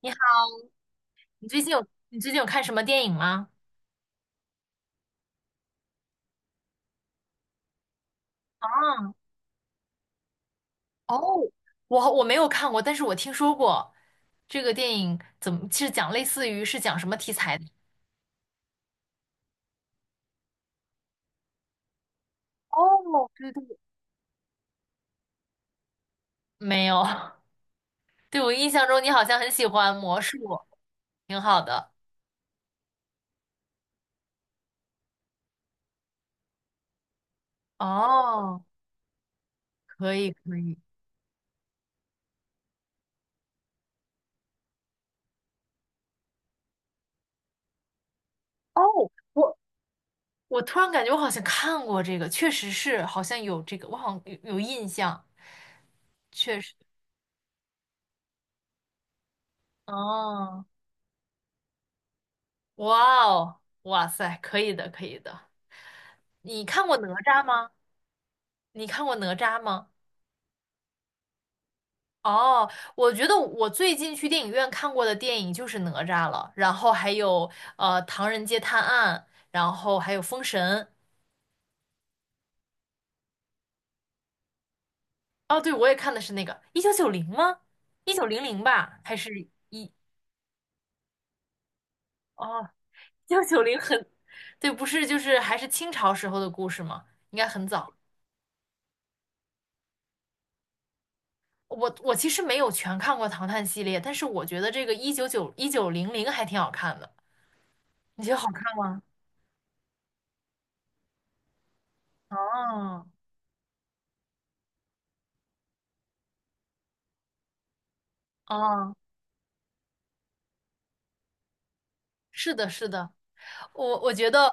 你好，你最近有你最近有看什么电影吗？啊，哦，我没有看过，但是我听说过这个电影怎么是讲类似于是讲什么题材的？哦，对对对，没有，对，我印象中你好像很喜欢魔术，挺好的。哦，可以可以。哦，我我突然感觉我好像看过这个，确实是好像有这个，我好像有印象，确实。哦，哇哦，哇塞，可以的可以的。你看过哪吒吗？你看过哪吒吗？哦，我觉得我最近去电影院看过的电影就是哪吒了，然后还有《唐人街探案》，然后还有《封神》。哦，对，我也看的是那个一九九零吗？一九零零吧，还是哦，一九九零很，对，不是，就是还是清朝时候的故事吗？应该很早。我其实没有全看过《唐探》系列，但是我觉得这个一九九一九零零还挺好看的，你觉得好看吗？哦哦，是的，是的，我觉得，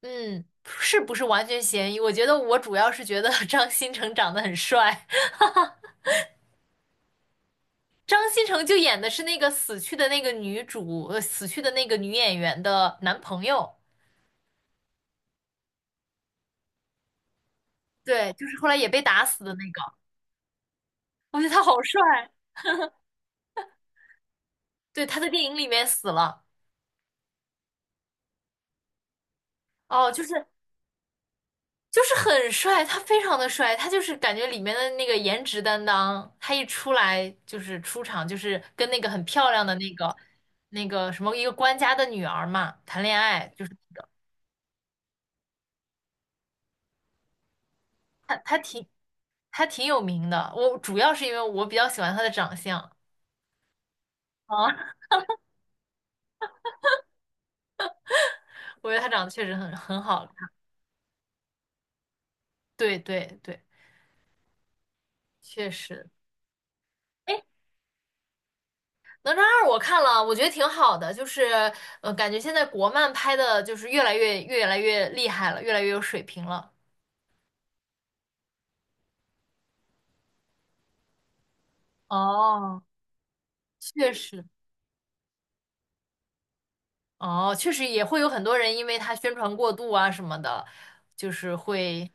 嗯，是不是完全嫌疑？我觉得我主要是觉得 张新成长得很帅，张新成就演的是那个死去的那个女主，死去的那个女演员的男朋友，对，就是后来也被打死的那个，我觉得他好帅，对，他在电影里面死了，哦，就是很帅，他非常的帅，他就是感觉里面的那个颜值担当，他一出来就是出场，就是跟那个很漂亮的那个什么一个官家的女儿嘛谈恋爱，就是那个他他挺他挺有名的，我主要是因为我比较喜欢他的长相啊，我觉得他长得确实很好看，对对对，确实。哎，哪吒二我看了，我觉得挺好的，就是感觉现在国漫拍的就是越来越厉害了，越来越有水平了。哦，确实，哦，确实也会有很多人因为他宣传过度啊什么的，就是会，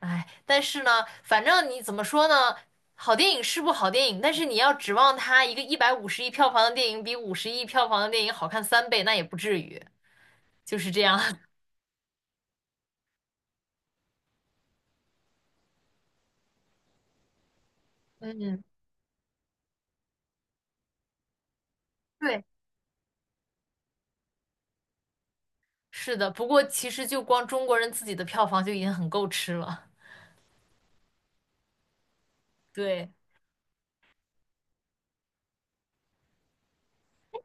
哎，但是呢，反正你怎么说呢，好电影是部好电影，但是你要指望它一个150亿票房的电影比五十亿票房的电影好看三倍，那也不至于，就是这样。嗯，对，是的。不过其实就光中国人自己的票房就已经很够吃了。对，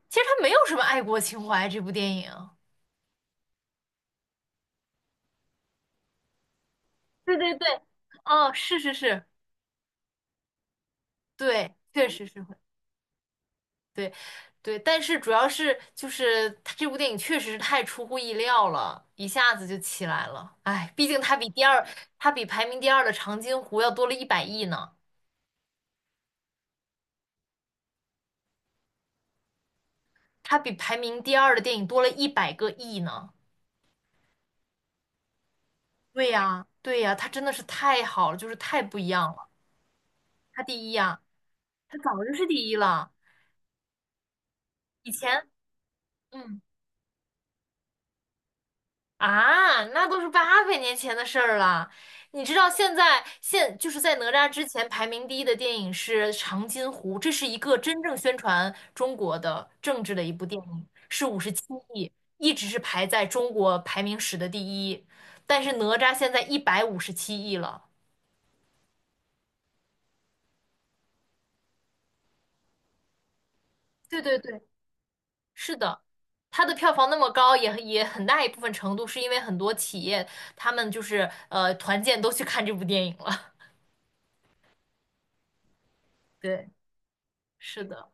其实它没有什么爱国情怀，这部电影。对对对，哦，是是是，对，确实是会，对，对，但是主要是就是他这部电影确实是太出乎意料了，一下子就起来了。哎，毕竟它比第二，它比排名第二的长津湖要多了100亿呢，它比排名第二的电影多了100个亿呢。对呀，对呀，它真的是太好了，就是太不一样了。它第一呀，它早就是第一了，以前。嗯。啊，那都是八百年前的事儿了。你知道现在现就是在哪吒之前排名第一的电影是《长津湖》，这是一个真正宣传中国的政治的一部电影，是五十七亿，一直是排在中国排名史的第一。但是哪吒现在157亿了，对对对，是的，它的票房那么高，也很大一部分程度是因为很多企业他们就是团建都去看这部电影了。对，是的。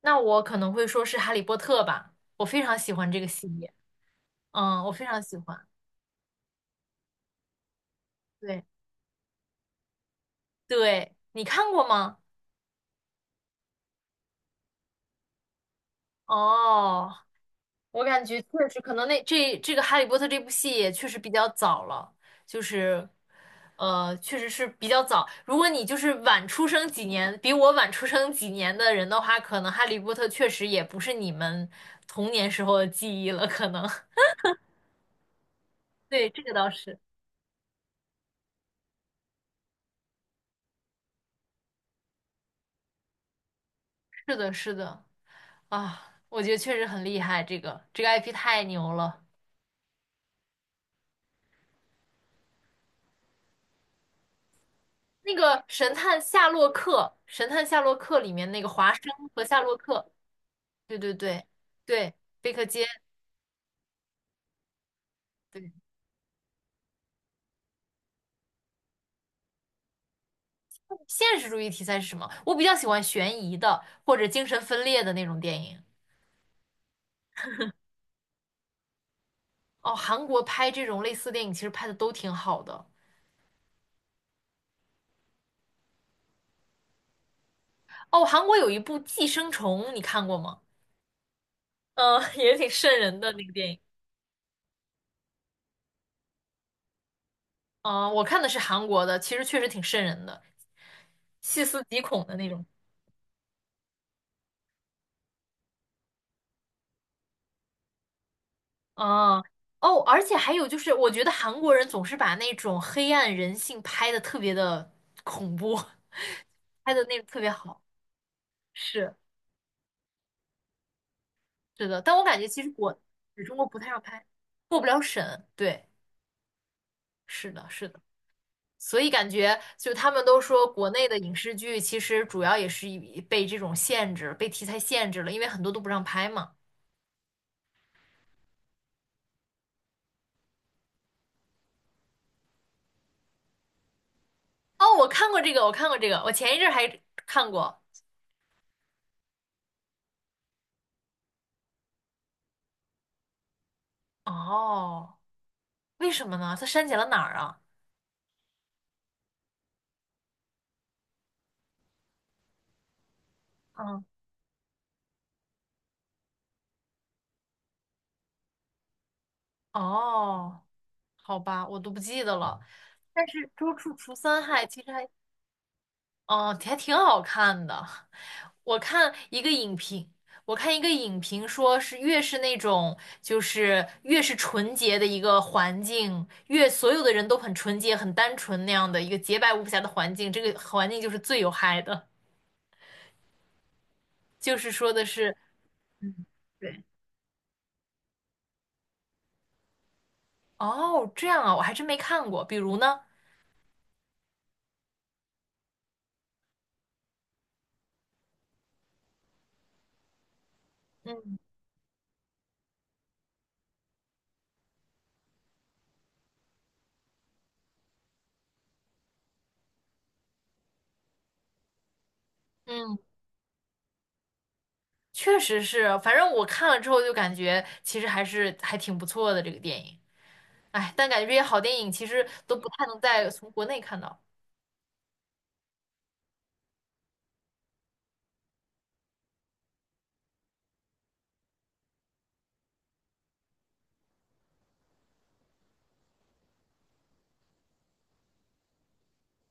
那我可能会说是《哈利波特》吧，我非常喜欢这个系列，嗯，我非常喜欢。对对，你看过吗？哦，我感觉确实可能那这个《哈利波特》这部戏也确实比较早了，就是确实是比较早。如果你就是晚出生几年，比我晚出生几年的人的话，可能《哈利波特》确实也不是你们童年时候的记忆了，可能。对，这个倒是，是的，是的。啊，我觉得确实很厉害，这个 IP 太牛了。那个《神探夏洛克》，《神探夏洛克》里面那个华生和夏洛克，对对对对，贝克街，对，现实主义题材是什么？我比较喜欢悬疑的或者精神分裂的那种电影。哦，韩国拍这种类似电影其实拍的都挺好的。哦，韩国有一部《寄生虫》，你看过吗？嗯，也挺瘆人的那个电影。嗯，我看的是韩国的，其实确实挺瘆人的，细思极恐的那种。哦哦，而且还有就是，我觉得韩国人总是把那种黑暗人性拍的特别的恐怖，拍的那个特别好。是是的，但我感觉其实中国不太让拍，过不了审。对，是的，是的。所以感觉就他们都说，国内的影视剧其实主要也是以被这种限制、被题材限制了，因为很多都不让拍嘛。哦，我看过这个，我看过这个，我前一阵儿还看过。哦，为什么呢？他删减了哪儿啊？嗯哦，好吧，我都不记得了。但是《周处除三害》其实还，哦，还挺好看的。我看一个影评，我看一个影评说是越是那种就是越是纯洁的一个环境，越所有的人都很纯洁、很单纯那样的一个洁白无瑕的环境，这个环境就是最有害的。就是说的是，嗯，对，哦，这样啊，我还真没看过。比如呢，嗯嗯。确实是，反正我看了之后就感觉其实还是还挺不错的这个电影。哎，但感觉这些好电影其实都不太能在从国内看到。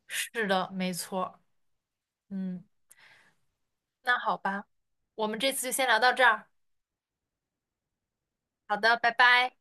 是的，没错。嗯，那好吧，我们这次就先聊到这儿。好的，拜拜。